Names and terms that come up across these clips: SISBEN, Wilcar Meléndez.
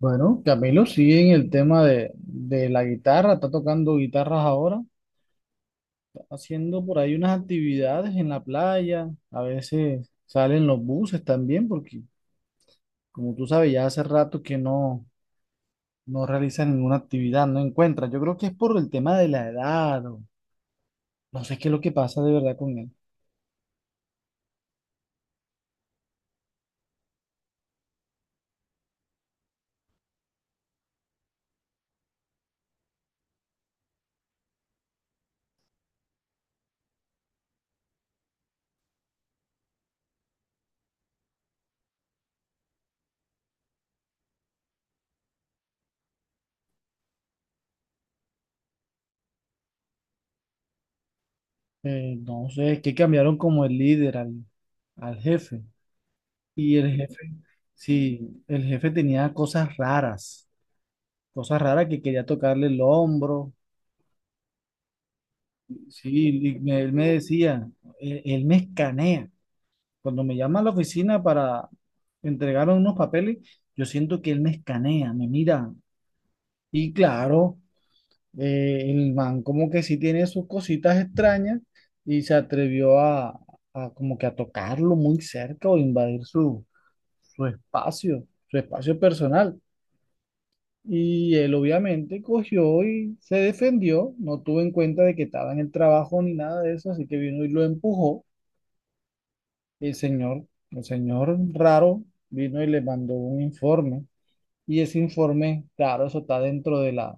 Bueno, Camilo sigue en el tema de la guitarra, está tocando guitarras ahora, está haciendo por ahí unas actividades en la playa, a veces salen los buses también, porque como tú sabes, ya hace rato que no realiza ninguna actividad, no encuentra. Yo creo que es por el tema de la edad, o no sé qué es lo que pasa de verdad con él. No sé, es que cambiaron como el líder al jefe, y el jefe, sí, el jefe tenía cosas raras, cosas raras que quería tocarle el hombro. Sí, y él me decía, él me escanea. Cuando me llama a la oficina para entregar unos papeles, yo siento que él me escanea, me mira. Y claro, el man como que sí tiene sus cositas extrañas y se atrevió a como que a tocarlo muy cerca o invadir su espacio personal. Y él obviamente cogió y se defendió, no tuvo en cuenta de que estaba en el trabajo ni nada de eso, así que vino y lo empujó. El señor, el señor raro, vino y le mandó un informe. Y ese informe, claro, eso está dentro de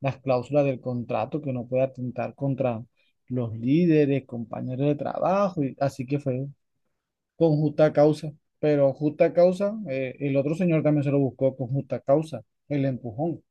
las cláusulas del contrato, que no puede atentar contra los líderes, compañeros de trabajo, y, así que fue con justa causa. Pero justa causa, el otro señor también se lo buscó con justa causa, el empujón.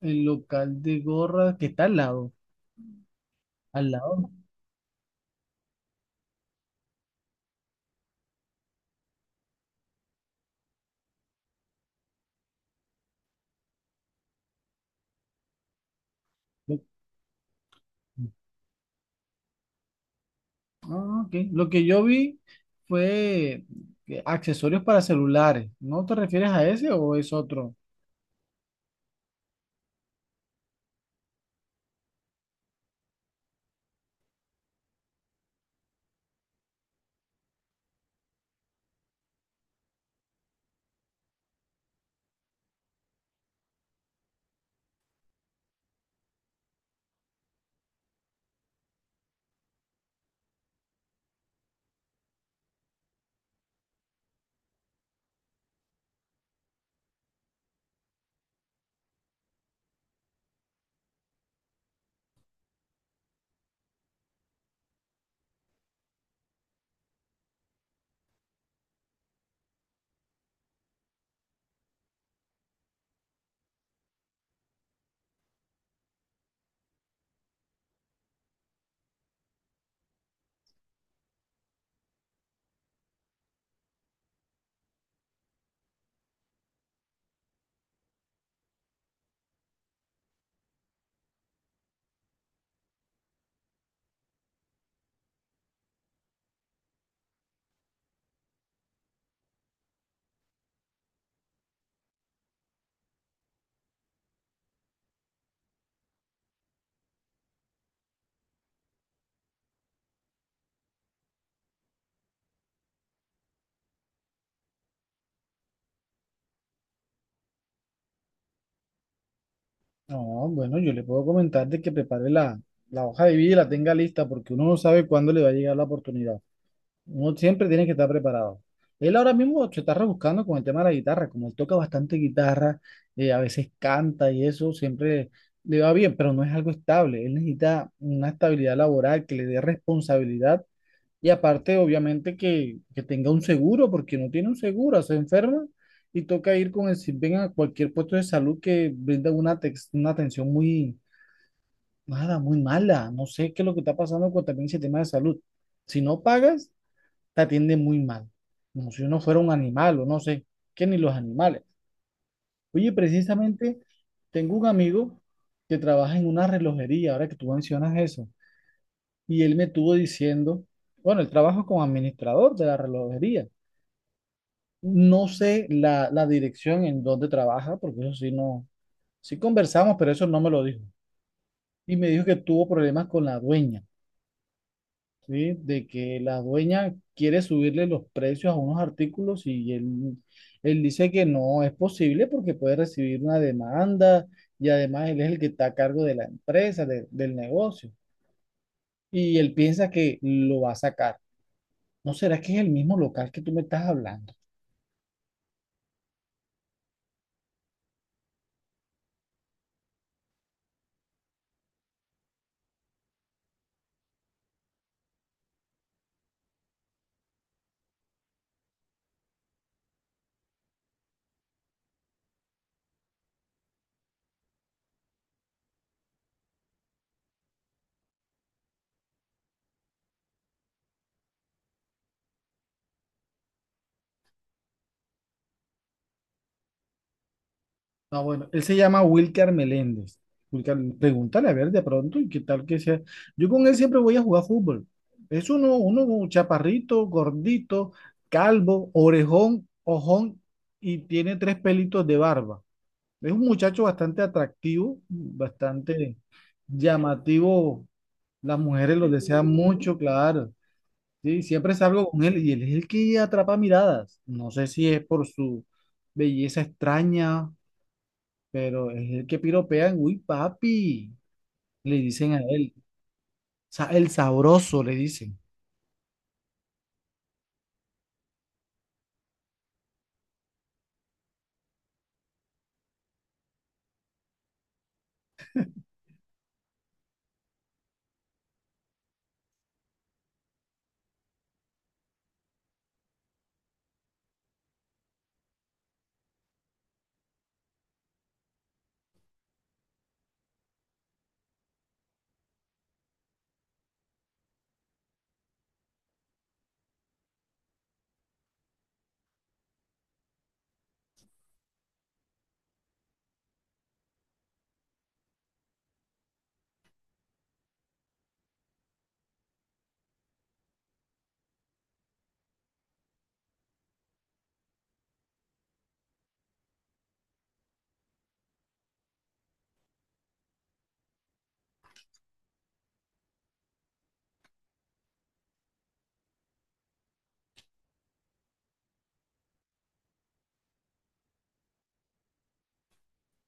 El local de gorra que está al lado. Al lado. Lo- Ah, ok. Lo que yo vi fue accesorios para celulares. ¿No te refieres a ese o es otro? No, bueno, yo le puedo comentar de que prepare la hoja de vida y la tenga lista porque uno no sabe cuándo le va a llegar la oportunidad. Uno siempre tiene que estar preparado. Él ahora mismo se está rebuscando con el tema de la guitarra, como él toca bastante guitarra, a veces canta y eso, siempre le va bien, pero no es algo estable. Él necesita una estabilidad laboral que le dé responsabilidad y aparte, obviamente, que tenga un seguro, porque no tiene un seguro, se enferma y toca ir con el SISBEN a cualquier puesto de salud que brinda una atención muy, nada, muy mala. No sé qué es lo que está pasando con también ese tema de salud. Si no pagas te atienden muy mal, como si uno fuera un animal o no sé, que ni los animales. Oye, precisamente tengo un amigo que trabaja en una relojería, ahora que tú mencionas eso, y él me estuvo diciendo, bueno, él trabaja como administrador de la relojería. No sé la dirección en donde trabaja, porque eso sí no, sí conversamos, pero eso no me lo dijo. Y me dijo que tuvo problemas con la dueña, ¿sí? De que la dueña quiere subirle los precios a unos artículos y él dice que no es posible porque puede recibir una demanda y además él es el que está a cargo de la empresa, del negocio. Y él piensa que lo va a sacar. ¿No será que es el mismo local que tú me estás hablando? Ah, bueno, él se llama Wilcar Meléndez. Wilcar, pregúntale a ver de pronto y qué tal que sea. Yo con él siempre voy a jugar fútbol. Es uno chaparrito, gordito, calvo, orejón, ojón y tiene tres pelitos de barba. Es un muchacho bastante atractivo, bastante llamativo. Las mujeres lo desean mucho, claro. Sí, siempre salgo con él y él es el que atrapa miradas. No sé si es por su belleza extraña, pero es el que piropean, uy, papi, le dicen a él. El sabroso, le dicen.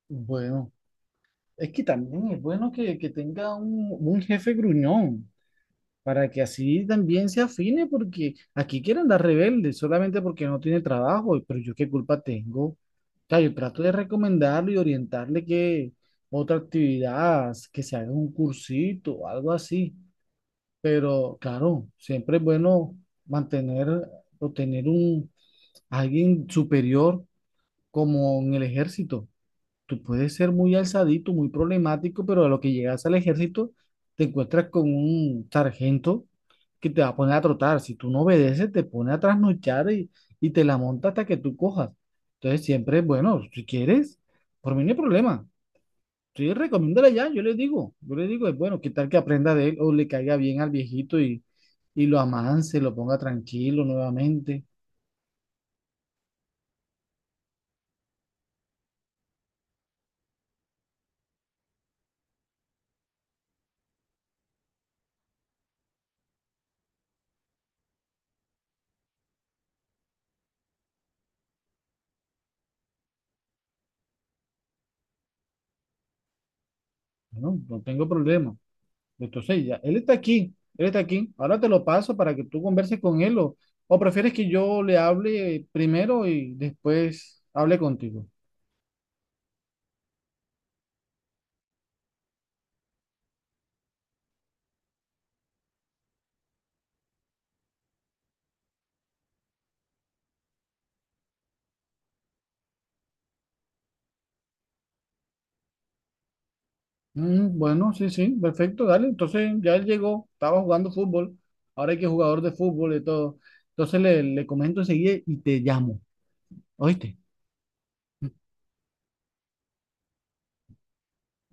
Bueno, es que también es bueno que tenga un jefe gruñón, para que así también se afine, porque aquí quieren andar rebelde solamente porque no tiene trabajo, pero yo qué culpa tengo. O sea, yo trato de recomendarle y orientarle que otra actividad, que se haga un cursito o algo así. Pero claro, siempre es bueno mantener o tener un alguien superior como en el ejército. Tú puedes ser muy alzadito, muy problemático, pero a lo que llegas al ejército te encuentras con un sargento que te va a poner a trotar. Si tú no obedeces, te pone a trasnochar y te la monta hasta que tú cojas. Entonces siempre, bueno, si quieres, por mí no hay problema. Sí, recomiéndale ya, yo le digo, es bueno, qué tal que aprenda de él o le caiga bien al viejito y lo amance, lo ponga tranquilo nuevamente. No, no tengo problema. Entonces ya, él está aquí. Ahora te lo paso para que tú converses con él o prefieres que yo le hable primero y después hable contigo. Mm, bueno, sí, sí, perfecto, dale. Entonces ya él llegó, estaba jugando fútbol, ahora hay que jugador de fútbol y todo. Entonces le comento enseguida y te llamo, ¿oíste?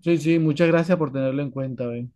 Sí, sí, muchas gracias por tenerlo en cuenta, ve.